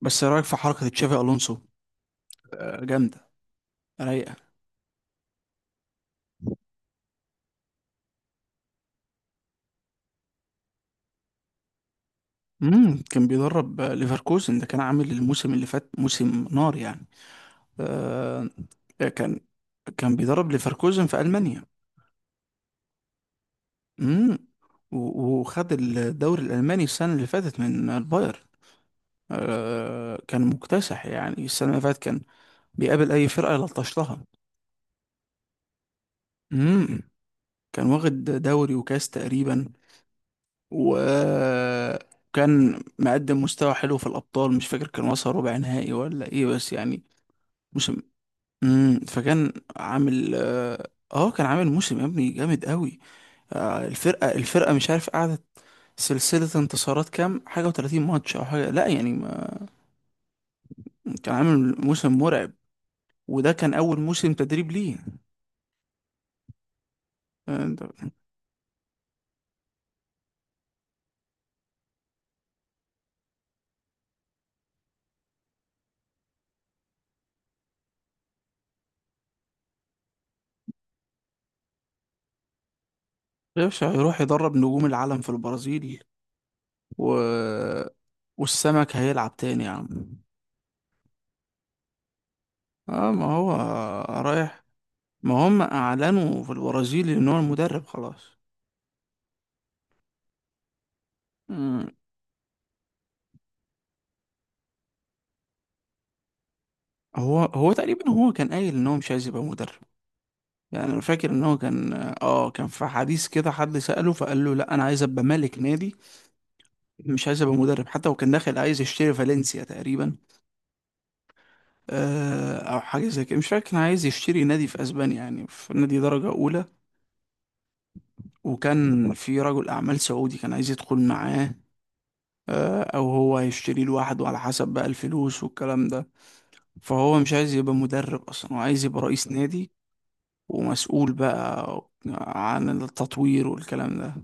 بس إيه رايك في حركه تشافي الونسو؟ آه، جامده. رايقه. كان بيدرب ليفركوزن. ده كان عامل الموسم اللي فات موسم نار يعني. آه كان كان بيدرب ليفركوزن في المانيا. امم وخد الدوري الالماني السنه اللي فاتت من البايرن. كان مكتسح يعني السنه اللي فاتت كان بيقابل اي فرقه يلطش لها. امم كان واخد دوري وكاس تقريبا. وكان مقدم مستوى حلو في الأبطال، مش فاكر كان وصل ربع نهائي ولا إيه بس يعني موسم. مم. فكان عامل آه آه، كان عامل موسم يا ابني جامد قوي. الفرقة مش عارف قعدت سلسلة انتصارات كام حاجة و30 ماتش أو حاجة، لا يعني ما، كان عامل موسم مرعب. وده كان أول موسم تدريب ليه. آه، ده- يا باشا هيروح يدرب نجوم العالم في البرازيل. و... والسمك هيلعب تاني يا عم. اه ما هو رايح، ما هم اعلنوا في البرازيل ان هو المدرب خلاص. مم. هو هو تقريبا هو كان قايل ان هو مش عايز يبقى مدرب، يعني انا فاكر ان هو كان، اه كان في حديث كده حد سأله فقال له لا انا عايز ابقى مالك نادي، مش عايز ابقى مدرب. حتى هو كان داخل عايز يشتري فالنسيا تقريبا، او حاجه زي كده، مش فاكر كان عايز يشتري نادي في اسبانيا، يعني في نادي درجه اولى. وكان في رجل اعمال سعودي كان عايز يدخل معاه، او هو هيشتري لوحده على حسب بقى الفلوس والكلام ده. فهو مش عايز يبقى مدرب اصلا، هو عايز يبقى رئيس نادي ومسؤول بقى عن التطوير والكلام ده.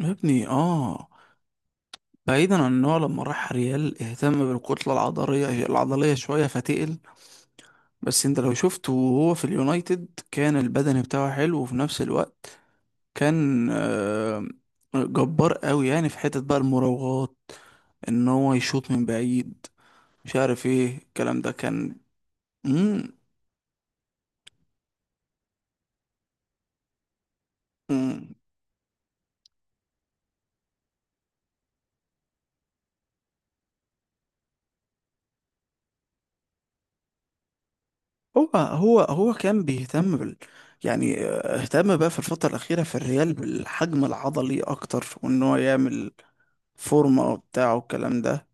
يا ابني اه. بعيدا عن ان هو لما راح ريال اهتم بالكتلة العضلية شوية فتقل. بس انت لو شفته وهو في اليونايتد كان البدن بتاعه حلو، وفي نفس الوقت كان جبار قوي، يعني في حتة بقى المراوغات ان هو يشوط من بعيد، مش عارف ايه الكلام ده كان. مم. مم. هو كان بيهتم بال... يعني اهتم بقى في الفترة الأخيرة في الريال بالحجم العضلي أكتر، وإن هو يعمل فورمة وبتاع والكلام ده،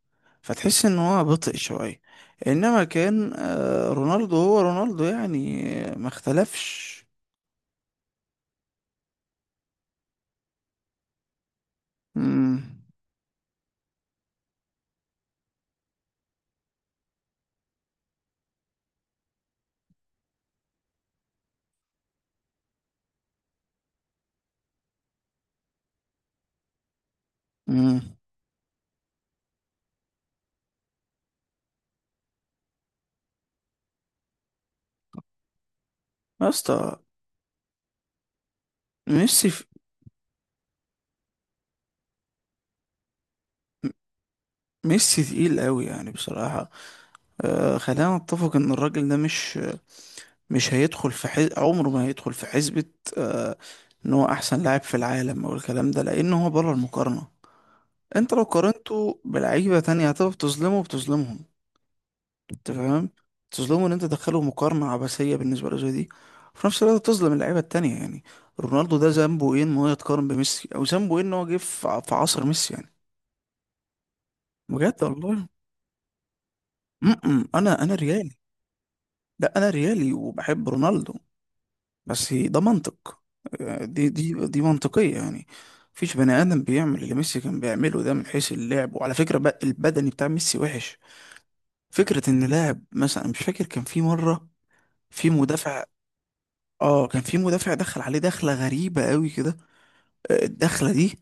فتحس إن هو بطئ شوية. إنما كان رونالدو هو رونالدو يعني، ما اختلفش. مم. مم. يا اسطى ميسي في... ميسي تقيل قوي يعني بصراحة. خلينا نتفق إن الراجل ده مش، مش هيدخل في عمره ما هيدخل في حسبة آه ان هو احسن لاعب في العالم او الكلام ده، لان هو بره المقارنة. انت لو قارنته بلعيبة تانية هتبقى بتظلمه بتظلمهم، انت فاهم؟ بتظلمه ان انت تدخله مقارنة عبثية بالنسبة له زي دي، وفي نفس الوقت بتظلم اللعيبة التانية يعني. رونالدو ده ذنبه ايه ان هو يتقارن بميسي؟ او ذنبه ايه ان هو جه في عصر ميسي يعني؟ بجد والله. م -م. انا ريالي. لا انا ريالي وبحب رونالدو، بس ده منطق. دي منطقية يعني. مفيش بني آدم بيعمل اللي ميسي كان بيعمله ده من حيث اللعب. وعلى فكرة بقى البدني بتاع ميسي وحش. فكرة إن لاعب مثلا، مش فاكر كان في مرة في مدافع، اه كان في مدافع دخل عليه دخلة غريبة قوي كده، الدخلة دي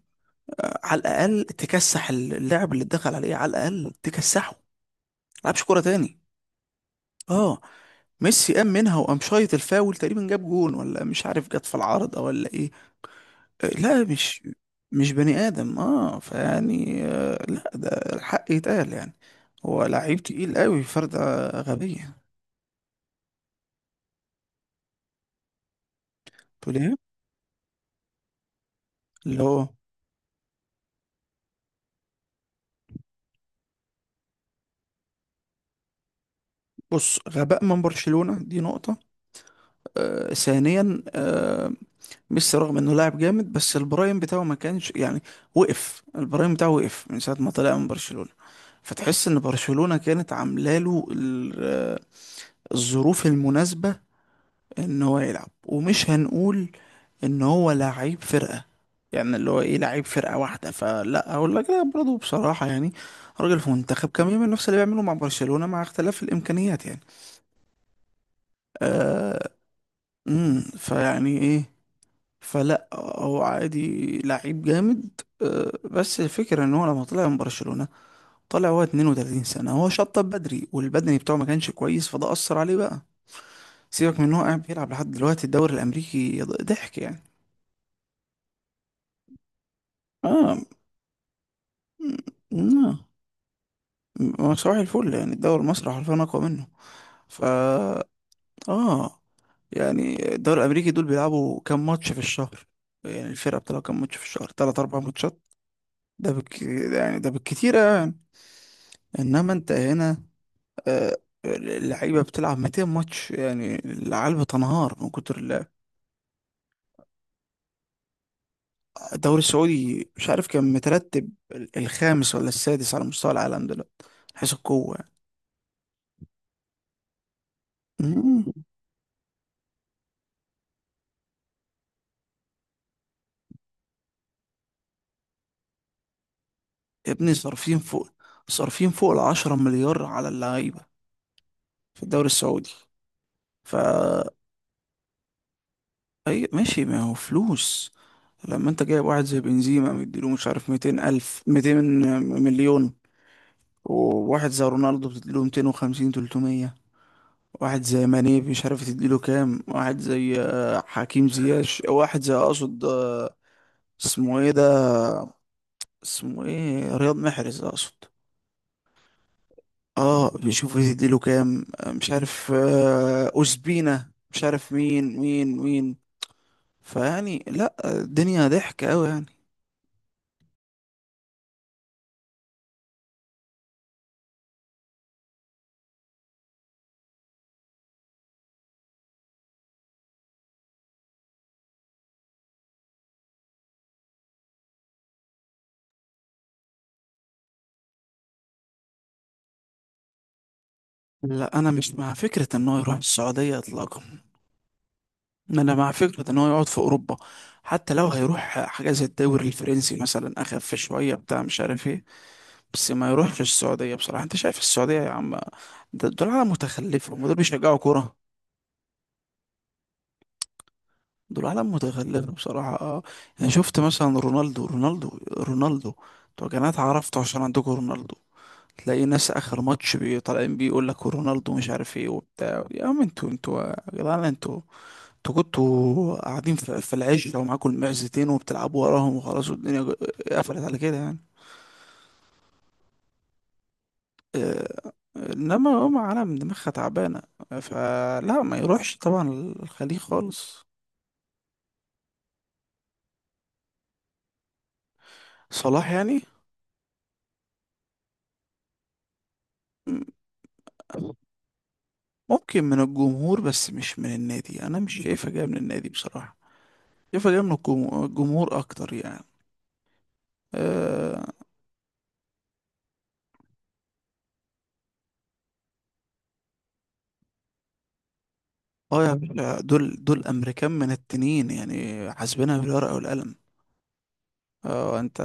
على الأقل تكسح اللاعب اللي اتدخل عليه، على الأقل تكسحه ملعبش كورة تاني. اه ميسي قام منها وقام شايط الفاول تقريبا، جاب جون ولا مش عارف جت في العارضة ولا ايه. لا مش مش بني آدم، فيعني لا، ده الحق يتقال يعني، هو لعيب تقيل قوي فردة غبية. تقول ايه؟ اللي هو بص، غباء من برشلونة دي نقطة. ثانيا، ميسي رغم انه لاعب جامد بس البرايم بتاعه ما كانش يعني، وقف البرايم بتاعه وقف من ساعة ما طلع من برشلونة. فتحس ان برشلونة كانت عامله له الظروف المناسبة ان هو يلعب. ومش هنقول ان هو لعيب فرقة، يعني اللي هو ايه لعيب فرقة واحدة، فلا اقول لك لا برضه بصراحة يعني. راجل في منتخب كان بيعمل نفس اللي بيعمله مع برشلونة مع اختلاف الامكانيات يعني. آه فيعني ايه؟ فلا، هو عادي لعيب جامد. بس الفكرة ان هو لما طلع من برشلونة طلع هو 32 سنة، هو شطب بدري والبدني بتاعه ما كانش كويس، فده أثر عليه بقى. سيبك من ان هو قاعد بيلعب لحد دلوقتي الدوري الامريكي ضحك يعني. اه. آه. صباح الفل، يعني الدوري المصري حرفيا أقوى منه، فا آه يعني الدوري الأمريكي دول بيلعبوا كام ماتش في الشهر؟ يعني الفرقة بتلعب كام ماتش في الشهر؟ تلات أربع ماتشات، ده بالك... يعني ده بالكتير يعني. إنما أنت هنا آه اللعيبة بتلعب 200 ماتش، يعني العيال بتنهار من كتر اللعب. الدوري السعودي مش عارف كان مترتب الخامس ولا السادس على مستوى العالم دلوقتي، من حيث القوة يعني. مم. يا ابني صارفين فوق العشرة مليار على اللعيبة في الدوري السعودي. فا أي ماشي، ما هو فلوس. لما انت جايب واحد زي بنزيما مديله مش عارف 200 ألف 200 مليون، وواحد زي رونالدو بتديله 250 300، واحد زي ماني مش عارف تديله كام، واحد زي حكيم زياش، واحد زي أقصد اسمه ايه ده، اسمه ايه رياض محرز أقصد. اه بيشوفوا يديله كام مش عارف أوزبينا، مش عارف مين. فيعني لا، الدنيا ضحك قوي يعني. لا انا مش مع فكرة ان هو يروح السعودية اطلاقا، انا مع فكره ان هو يقعد في اوروبا. حتى لو هيروح حاجه زي الدوري الفرنسي مثلا اخف شويه بتاع مش عارف ايه، بس ما يروحش السعوديه بصراحه. انت شايف السعوديه يا عم؟ دول عالم متخلفه، هم دول بيشجعوا كوره؟ دول عالم متخلفه بصراحه. انا شفت مثلا رونالدو رونالدو رونالدو. انتوا يا جماعه اتعرفتوا عشان عندكم رونالدو. تلاقي ناس اخر ماتش طالعين بيقول لك رونالدو مش عارف ايه وبتاع. يا عم انتوا يا جدعان انتوا كنتوا قاعدين في العشة ومعاكم المعزتين وبتلعبوا وراهم وخلاص والدنيا قفلت على كده يعني. آه، انما هم عالم دماغها تعبانة، فلا ما يروحش طبعا الخليج خالص. صلاح يعني. م- ممكن من الجمهور بس مش من النادي، انا مش شايفها جاية من النادي بصراحة، شايفها جاية من الجمهور، الجمهور اكتر يعني. اه. يا باشا دول دول امريكان من التنين يعني حاسبينها بالورقة والقلم. اه انت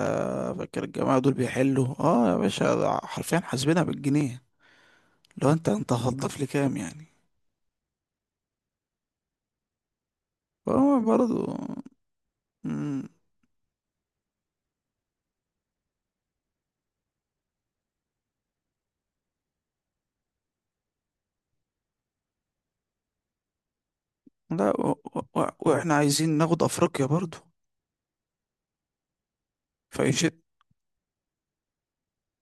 فاكر الجماعة دول بيحلوا؟ اه يا باشا، ده حرفيا حاسبينها بالجنيه. لو انت هتضيف لي كام يعني؟ فهو برضو. مم. لا و... و... واحنا عايزين ناخد افريقيا برضو. فيشد.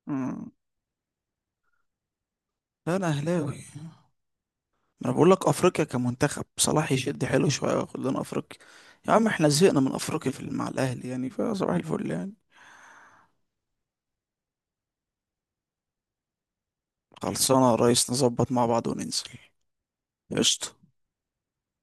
مم. لا انا اهلاوي. ما انا بقول لك افريقيا كمنتخب صلاح يشد حلو شوية وياخد لنا افريقيا. يا عم احنا زهقنا من افريقيا في مع الاهلي يعني، فصباح الفل يعني. خلصانة يا ريس نظبط مع بعض وننزل. قشطة.